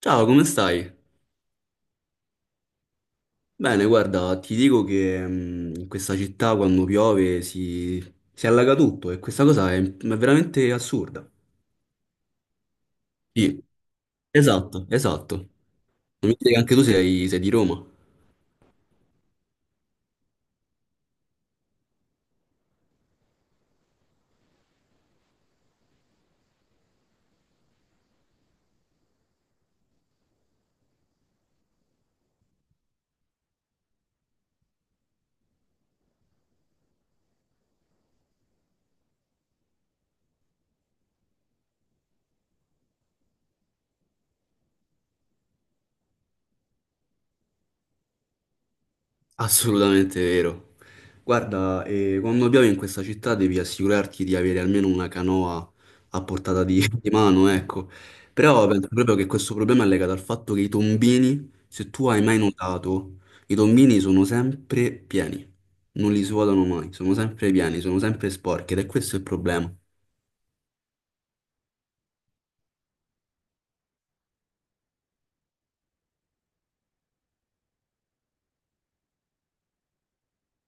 Ciao, come stai? Bene, guarda, ti dico che in questa città quando piove si allaga tutto e questa cosa è veramente assurda. Sì, esatto, esatto. Non mi dire che anche tu sei di Roma. Assolutamente vero. Guarda, quando piove in questa città devi assicurarti di avere almeno una canoa a portata di mano, ecco. Però penso proprio che questo problema è legato al fatto che i tombini, se tu hai mai notato, i tombini sono sempre pieni, non li svuotano mai, sono sempre pieni, sono sempre sporchi ed è questo il problema.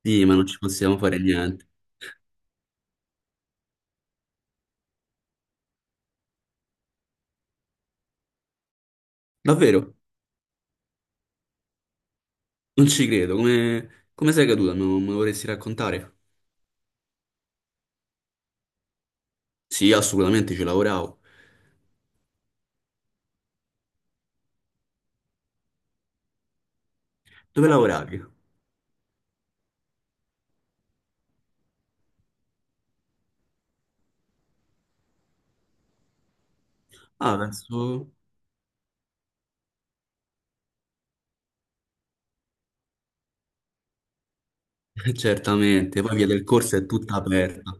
Sì, ma non ci possiamo fare niente. Davvero, non ci credo. Come, come sei caduta? Me lo vorresti raccontare? Sì, assolutamente, ci lavoravo. Dove lavoravi? Ah, penso... Certamente, poi via del corso è tutta aperta.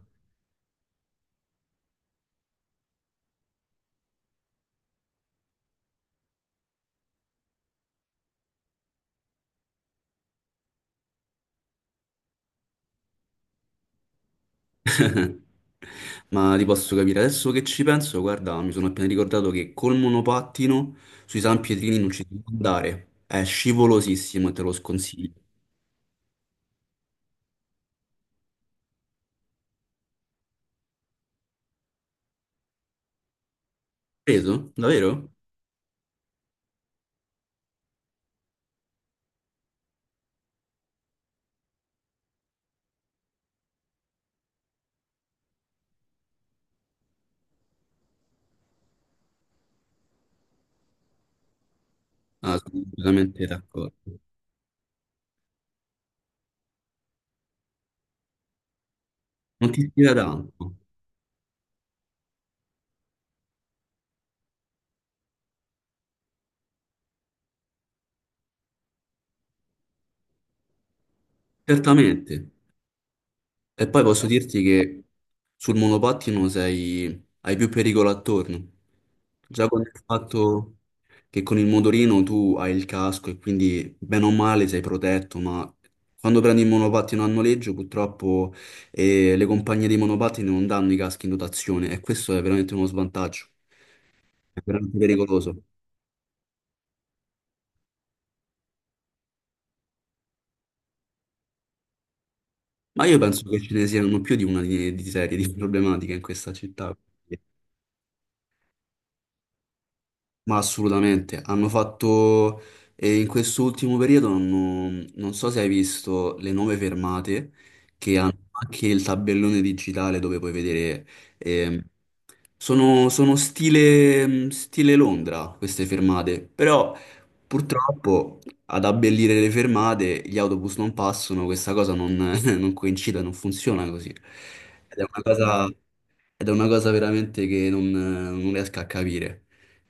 Ma ti posso capire, adesso che ci penso, guarda, mi sono appena ricordato che col monopattino sui San Pietrini non ci si può andare. È scivolosissimo e te lo sconsiglio. Preso? Davvero? Ah, sono completamente d'accordo. Non ti ispira tanto, certamente. E poi posso dirti che sul monopattino sei... hai più pericolo attorno. Già con il fatto che con il motorino tu hai il casco e quindi bene o male sei protetto, ma quando prendi il monopattino a noleggio purtroppo le compagnie di monopattini non danno i caschi in dotazione e questo è veramente uno svantaggio, è veramente pericoloso. Ma io penso che ce ne siano più di una di serie di problematiche in questa città. Ma assolutamente, hanno fatto e in quest'ultimo periodo hanno non so se hai visto le nuove fermate che Mm. hanno anche il tabellone digitale dove puoi vedere ehm, sono stile, stile Londra queste fermate, però purtroppo ad abbellire le fermate gli autobus non passano, questa cosa non, non coincide, non funziona così. Ed è una cosa ed è una cosa veramente che non, non riesco a capire.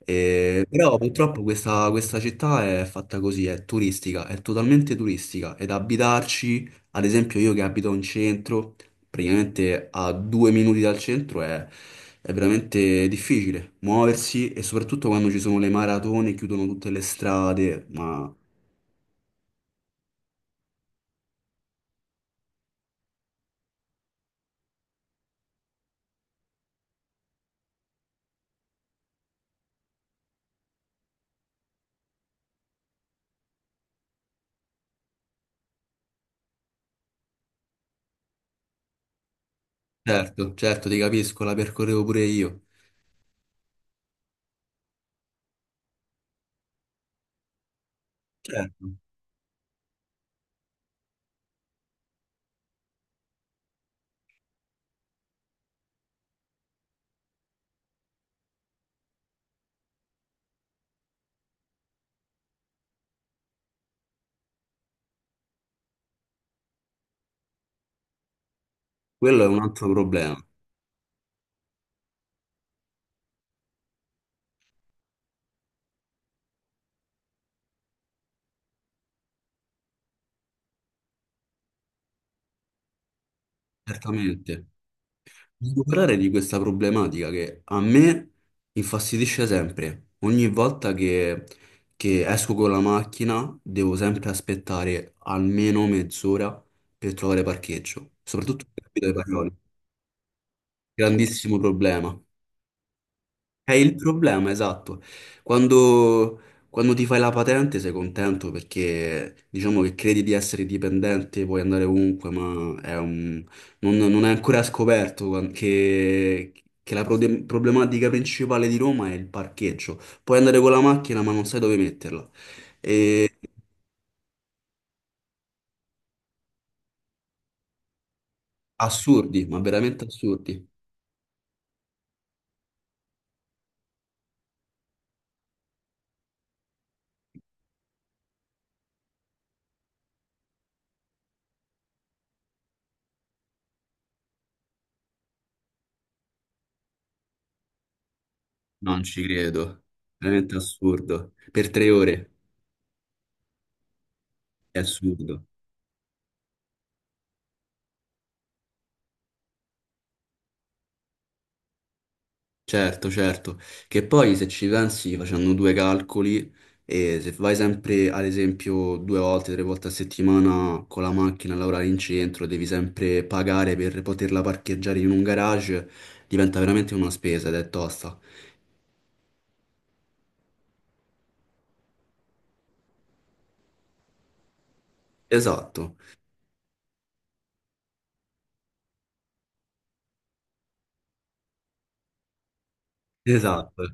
Però purtroppo questa città è fatta così, è turistica, è totalmente turistica. Ed abitarci, ad esempio io che abito in centro, praticamente a due minuti dal centro è veramente difficile muoversi e soprattutto quando ci sono le maratone, chiudono tutte le strade. Ma certo, certo, ti capisco, la percorrevo pure io. Certo, quello è un altro problema, certamente. Voglio parlare di questa problematica che a me infastidisce sempre. Che esco con la macchina devo sempre aspettare almeno mezz'ora per trovare parcheggio, soprattutto in Capitale Parioli. Grandissimo problema. È il problema, esatto. Quando, quando ti fai la patente sei contento perché diciamo che credi di essere dipendente, puoi andare ovunque, ma è un non, non è ancora scoperto quan- che la prode- problematica principale di Roma è il parcheggio. Puoi andare con la macchina, ma non sai dove metterla. E- assurdi, ma veramente assurdi. Non ci credo. Veramente assurdo. Per tre ore è assurdo. Certo, certo, che poi se ci pensi facendo due calcoli e se vai sempre ad esempio due volte, tre volte a settimana con la macchina a lavorare in centro, devi sempre pagare per poterla parcheggiare in un garage, diventa veramente una spesa ed è tosta. Esatto, esatto,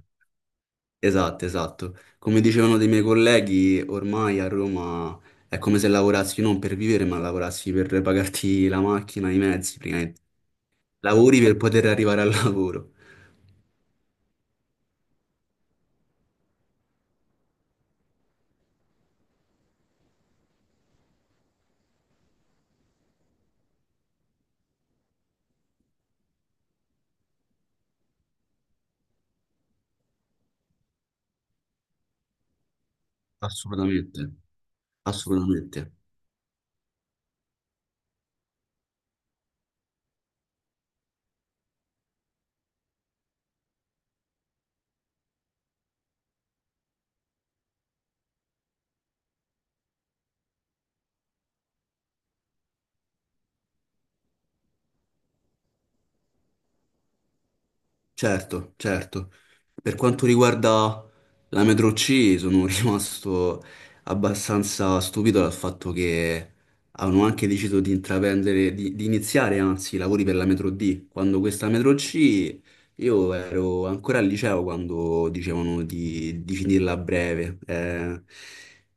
esatto, esatto. Come dicevano dei miei colleghi, ormai a Roma è come se lavorassi non per vivere ma lavorassi per pagarti la macchina, i mezzi, praticamente. Lavori per poter arrivare al lavoro. Assolutamente, assolutamente. Certo, certo. Per quanto riguarda la Metro C, sono rimasto abbastanza stupito dal fatto che hanno anche deciso di intraprendere, di iniziare anzi i lavori per la Metro D. Quando questa Metro C, io ero ancora al liceo quando dicevano di finirla a breve.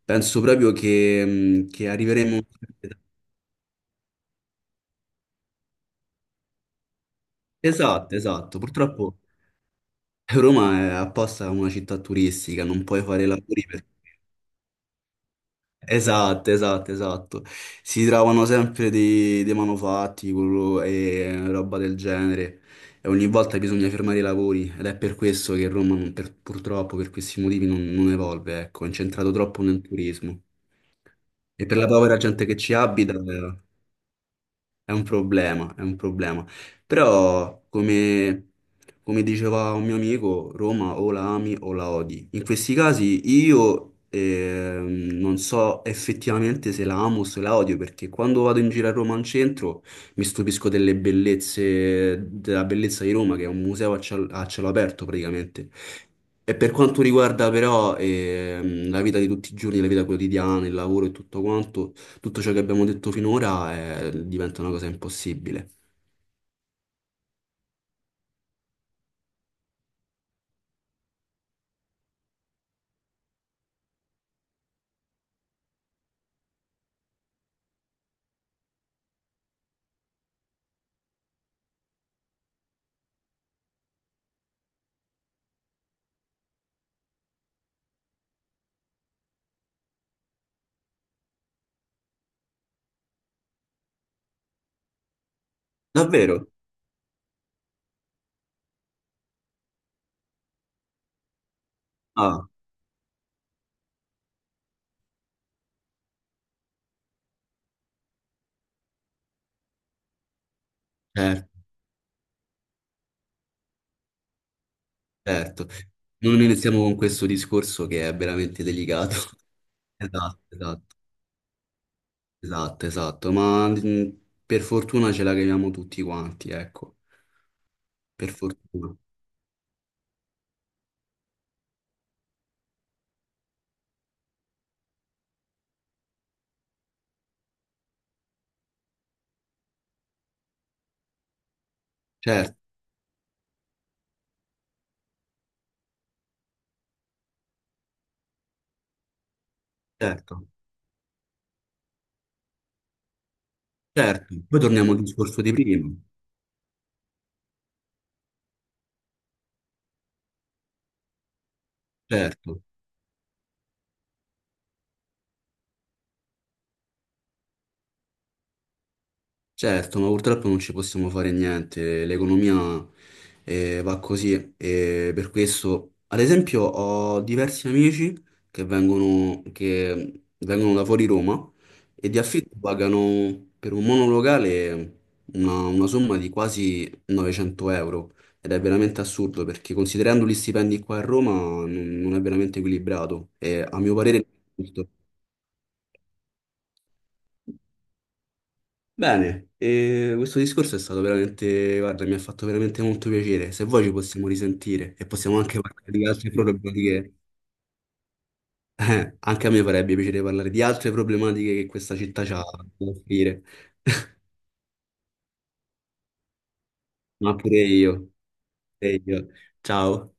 Penso proprio che, che arriveremo. Esatto, esatto. Purtroppo. Roma è apposta una città turistica, non puoi fare lavori per... Esatto, esatto, esatto. Si trovano sempre dei manufatti quello- e roba del genere. E ogni volta bisogna fermare i lavori ed è per questo che Roma, non- per- purtroppo, per questi motivi non, non evolve, ecco, è incentrato troppo nel turismo. E per la povera gente che ci abita, è un problema, è un problema. Però, come, come diceva un mio amico, Roma o la ami o la odi. In questi casi io non so effettivamente se la amo o se la odio, perché quando vado in giro a Roma al centro mi stupisco delle bellezze, della bellezza di Roma, che è un museo a ciel- a cielo aperto praticamente. E per quanto riguarda però la vita di tutti i giorni, la vita quotidiana, il lavoro e tutto quanto, tutto ciò che abbiamo detto finora diventa una cosa impossibile. Davvero? Ah, certo, certo. Non iniziamo con questo discorso che è veramente delicato. Esatto, esatto, esatto, esatto. Ma per fortuna ce la caviamo tutti quanti, ecco. Per fortuna. Certo, certo, certo. Poi torniamo al discorso di prima. Certo. Certo, ma purtroppo non ci possiamo fare niente, l'economia va così e per questo, ad esempio, ho diversi amici che vengono da fuori Roma e di affitto pagano per un monolocale una somma di quasi 900 euro ed è veramente assurdo perché considerando gli stipendi qua a Roma non, non è veramente equilibrato e a mio parere... è giusto. Bene, e questo discorso è stato veramente, guarda, mi ha fatto veramente molto piacere. Se vuoi ci possiamo risentire e possiamo anche parlare di altre problematiche. Anche a me farebbe piacere parlare di altre problematiche che questa città ha da offrire. Ma pure io, pure io. Ciao.